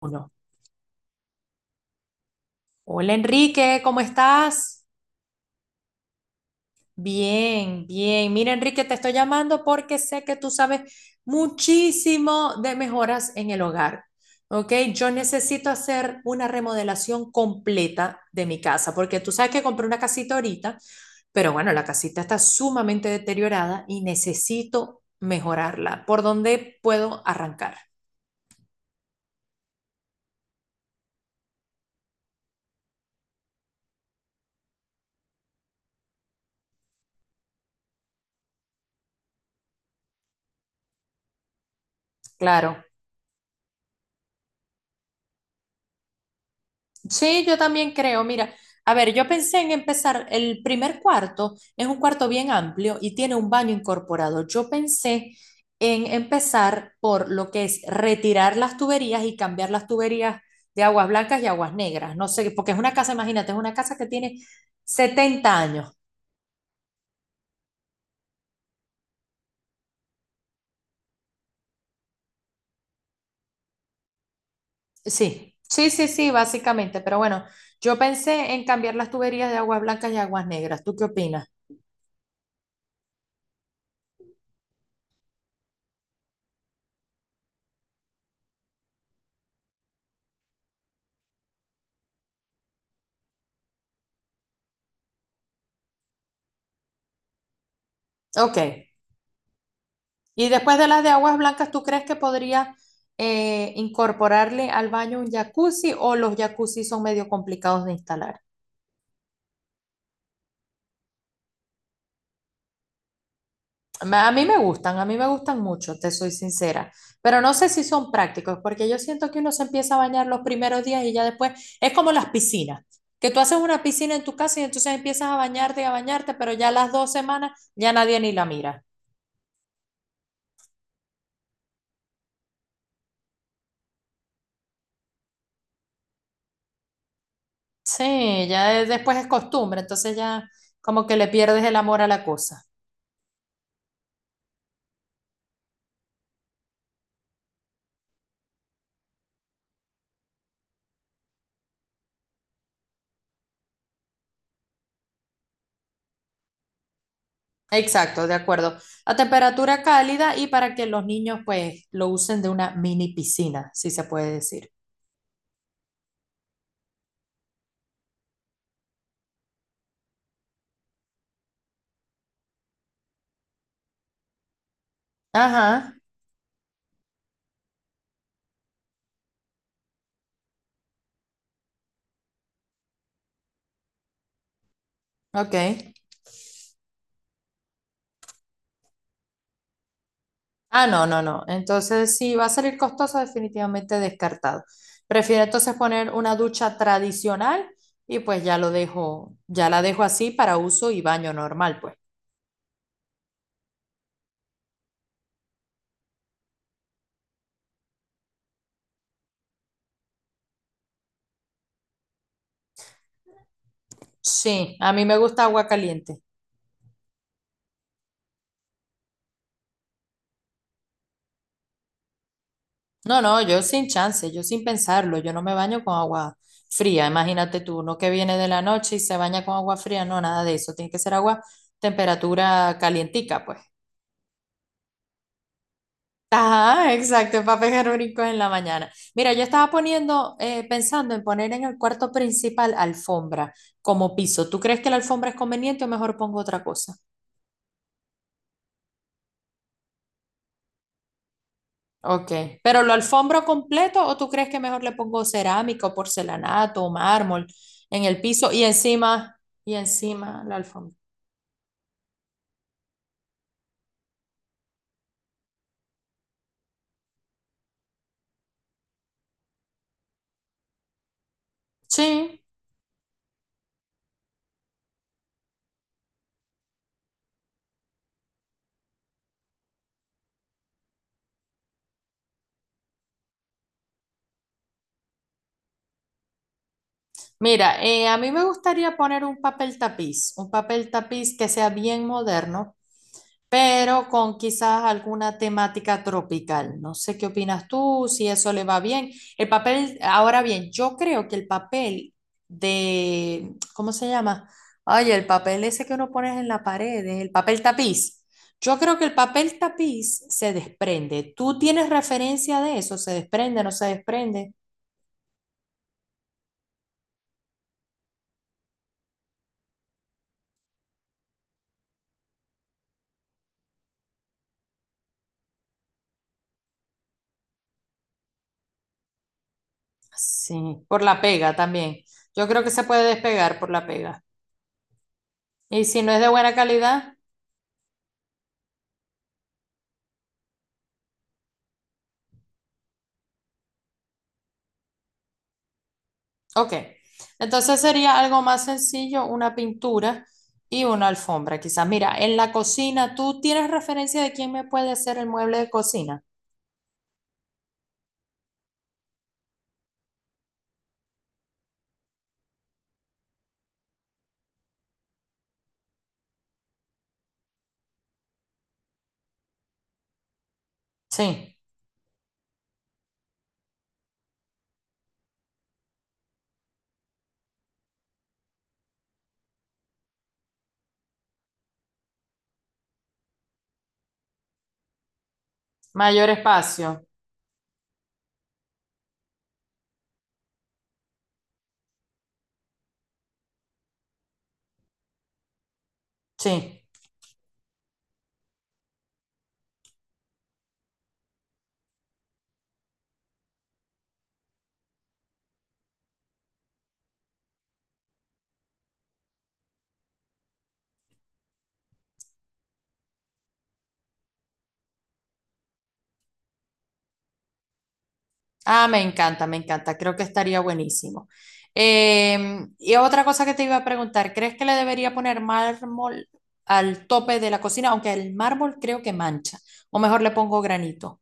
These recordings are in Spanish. Uno. Hola Enrique, ¿cómo estás? Bien, bien. Mira Enrique, te estoy llamando porque sé que tú sabes muchísimo de mejoras en el hogar. ¿Ok? Yo necesito hacer una remodelación completa de mi casa porque tú sabes que compré una casita ahorita, pero bueno, la casita está sumamente deteriorada y necesito mejorarla. ¿Por dónde puedo arrancar? Claro. Sí, yo también creo. Mira, a ver, yo pensé en empezar, el primer cuarto es un cuarto bien amplio y tiene un baño incorporado. Yo pensé en empezar por lo que es retirar las tuberías y cambiar las tuberías de aguas blancas y aguas negras. No sé, porque es una casa, imagínate, es una casa que tiene 70 años. Sí, sí, sí, sí, básicamente. Pero bueno, yo pensé en cambiar las tuberías de aguas blancas y aguas negras. ¿Tú qué opinas? Ok. Y después de las de aguas blancas, ¿tú crees que podría incorporarle al baño un jacuzzi o los jacuzzi son medio complicados de instalar? A mí me gustan, a mí me gustan mucho, te soy sincera, pero no sé si son prácticos, porque yo siento que uno se empieza a bañar los primeros días y ya después es como las piscinas, que tú haces una piscina en tu casa y entonces empiezas a bañarte y a bañarte, pero ya las 2 semanas ya nadie ni la mira. Sí, después es costumbre, entonces ya como que le pierdes el amor a la cosa. Exacto, de acuerdo. A temperatura cálida y para que los niños pues lo usen de una mini piscina, si se puede decir. Ajá, ok. Ah, no, no, no. Entonces, si va a salir costoso, definitivamente descartado. Prefiero entonces poner una ducha tradicional y pues ya lo dejo, ya la dejo así para uso y baño normal, pues. Sí, a mí me gusta agua caliente. No, no, yo sin chance, yo sin pensarlo, yo no me baño con agua fría, imagínate tú, uno que viene de la noche y se baña con agua fría, no, nada de eso, tiene que ser agua temperatura calientica, pues. Ajá, exacto, para pegar brincos en la mañana. Mira, yo estaba poniendo, pensando en poner en el cuarto principal alfombra como piso. ¿Tú crees que la alfombra es conveniente o mejor pongo otra cosa? Ok, pero lo alfombro completo o tú crees que mejor le pongo cerámico, porcelanato, mármol en el piso y encima la alfombra. Sí, mira, a mí me gustaría poner un papel tapiz que sea bien moderno, pero con quizás alguna temática tropical. No sé qué opinas tú, si eso le va bien. El papel, ahora bien, yo creo que el papel de, ¿cómo se llama? Ay, el papel ese que uno pones en la pared, el papel tapiz. Yo creo que el papel tapiz se desprende. ¿Tú tienes referencia de eso? ¿Se desprende, no se desprende? Sí, por la pega también. Yo creo que se puede despegar por la pega. Y si no es de buena calidad, ok, entonces sería algo más sencillo, una pintura y una alfombra, quizás. Mira, en la cocina, ¿tú tienes referencia de quién me puede hacer el mueble de cocina? Sí, mayor espacio, sí. Ah, me encanta, creo que estaría buenísimo. Y otra cosa que te iba a preguntar, ¿crees que le debería poner mármol al tope de la cocina? Aunque el mármol creo que mancha, o mejor le pongo granito.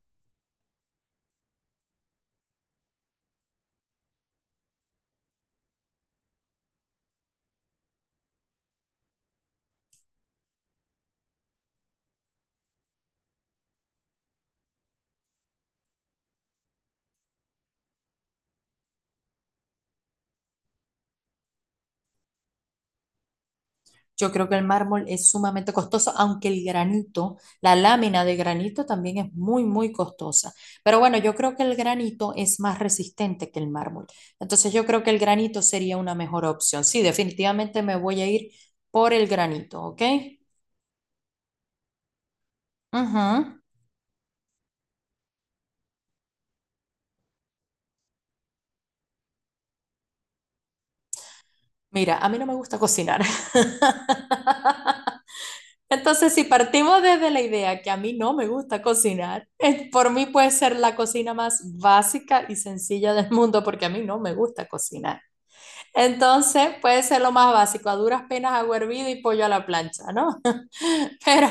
Yo creo que el mármol es sumamente costoso, aunque el granito, la lámina de granito también es muy, muy costosa. Pero bueno, yo creo que el granito es más resistente que el mármol. Entonces yo creo que el granito sería una mejor opción. Sí, definitivamente me voy a ir por el granito, ¿ok? Ujú. Mira, a mí no me gusta cocinar. Entonces, si partimos desde la idea que a mí no me gusta cocinar, por mí puede ser la cocina más básica y sencilla del mundo porque a mí no me gusta cocinar. Entonces puede ser lo más básico, a duras penas agua hervida y pollo a la plancha, ¿no? Pero,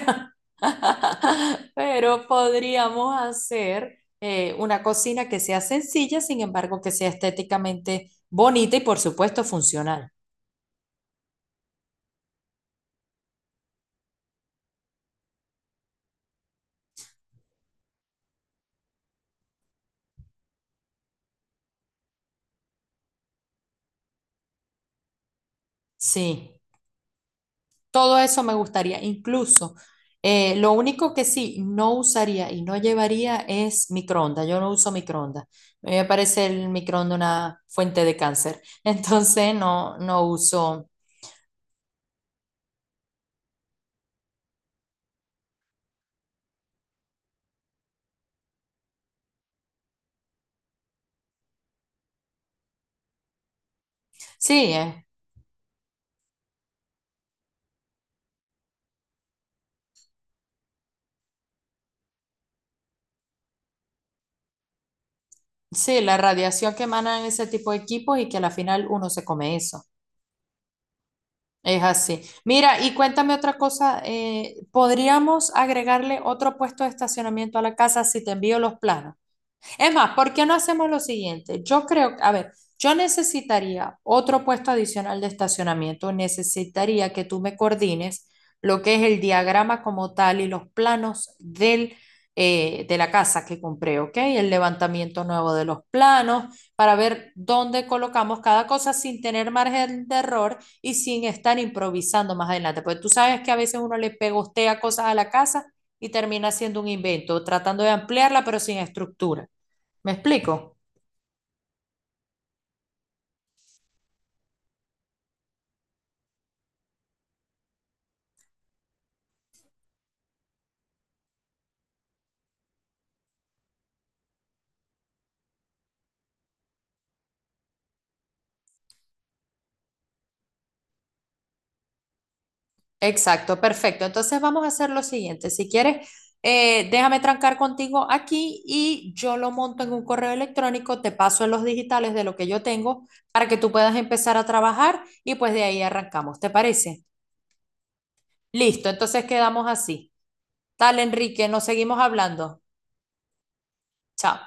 pero podríamos hacer una cocina que sea sencilla, sin embargo, que sea estéticamente bonita y por supuesto funcional. Sí, todo eso me gustaría. Incluso, lo único que sí no usaría y no llevaría es microondas. Yo no uso microondas. A mí me parece el microondas una fuente de cáncer. Entonces no, no uso. Sí, sí, la radiación que emanan ese tipo de equipos y que a la final uno se come eso. Es así. Mira, y cuéntame otra cosa, ¿podríamos agregarle otro puesto de estacionamiento a la casa si te envío los planos? Es más, ¿por qué no hacemos lo siguiente? Yo creo, a ver, yo necesitaría otro puesto adicional de estacionamiento, necesitaría que tú me coordines lo que es el diagrama como tal y los planos del, de la casa que compré, ¿ok? El levantamiento nuevo de los planos para ver dónde colocamos cada cosa sin tener margen de error y sin estar improvisando más adelante. Porque tú sabes que a veces uno le pegostea cosas a la casa y termina siendo un invento, tratando de ampliarla pero sin estructura. ¿Me explico? Exacto, perfecto. Entonces vamos a hacer lo siguiente. Si quieres, déjame trancar contigo aquí y yo lo monto en un correo electrónico, te paso en los digitales de lo que yo tengo para que tú puedas empezar a trabajar y pues de ahí arrancamos. ¿Te parece? Listo, entonces quedamos así. Tal, Enrique, nos seguimos hablando. Chao.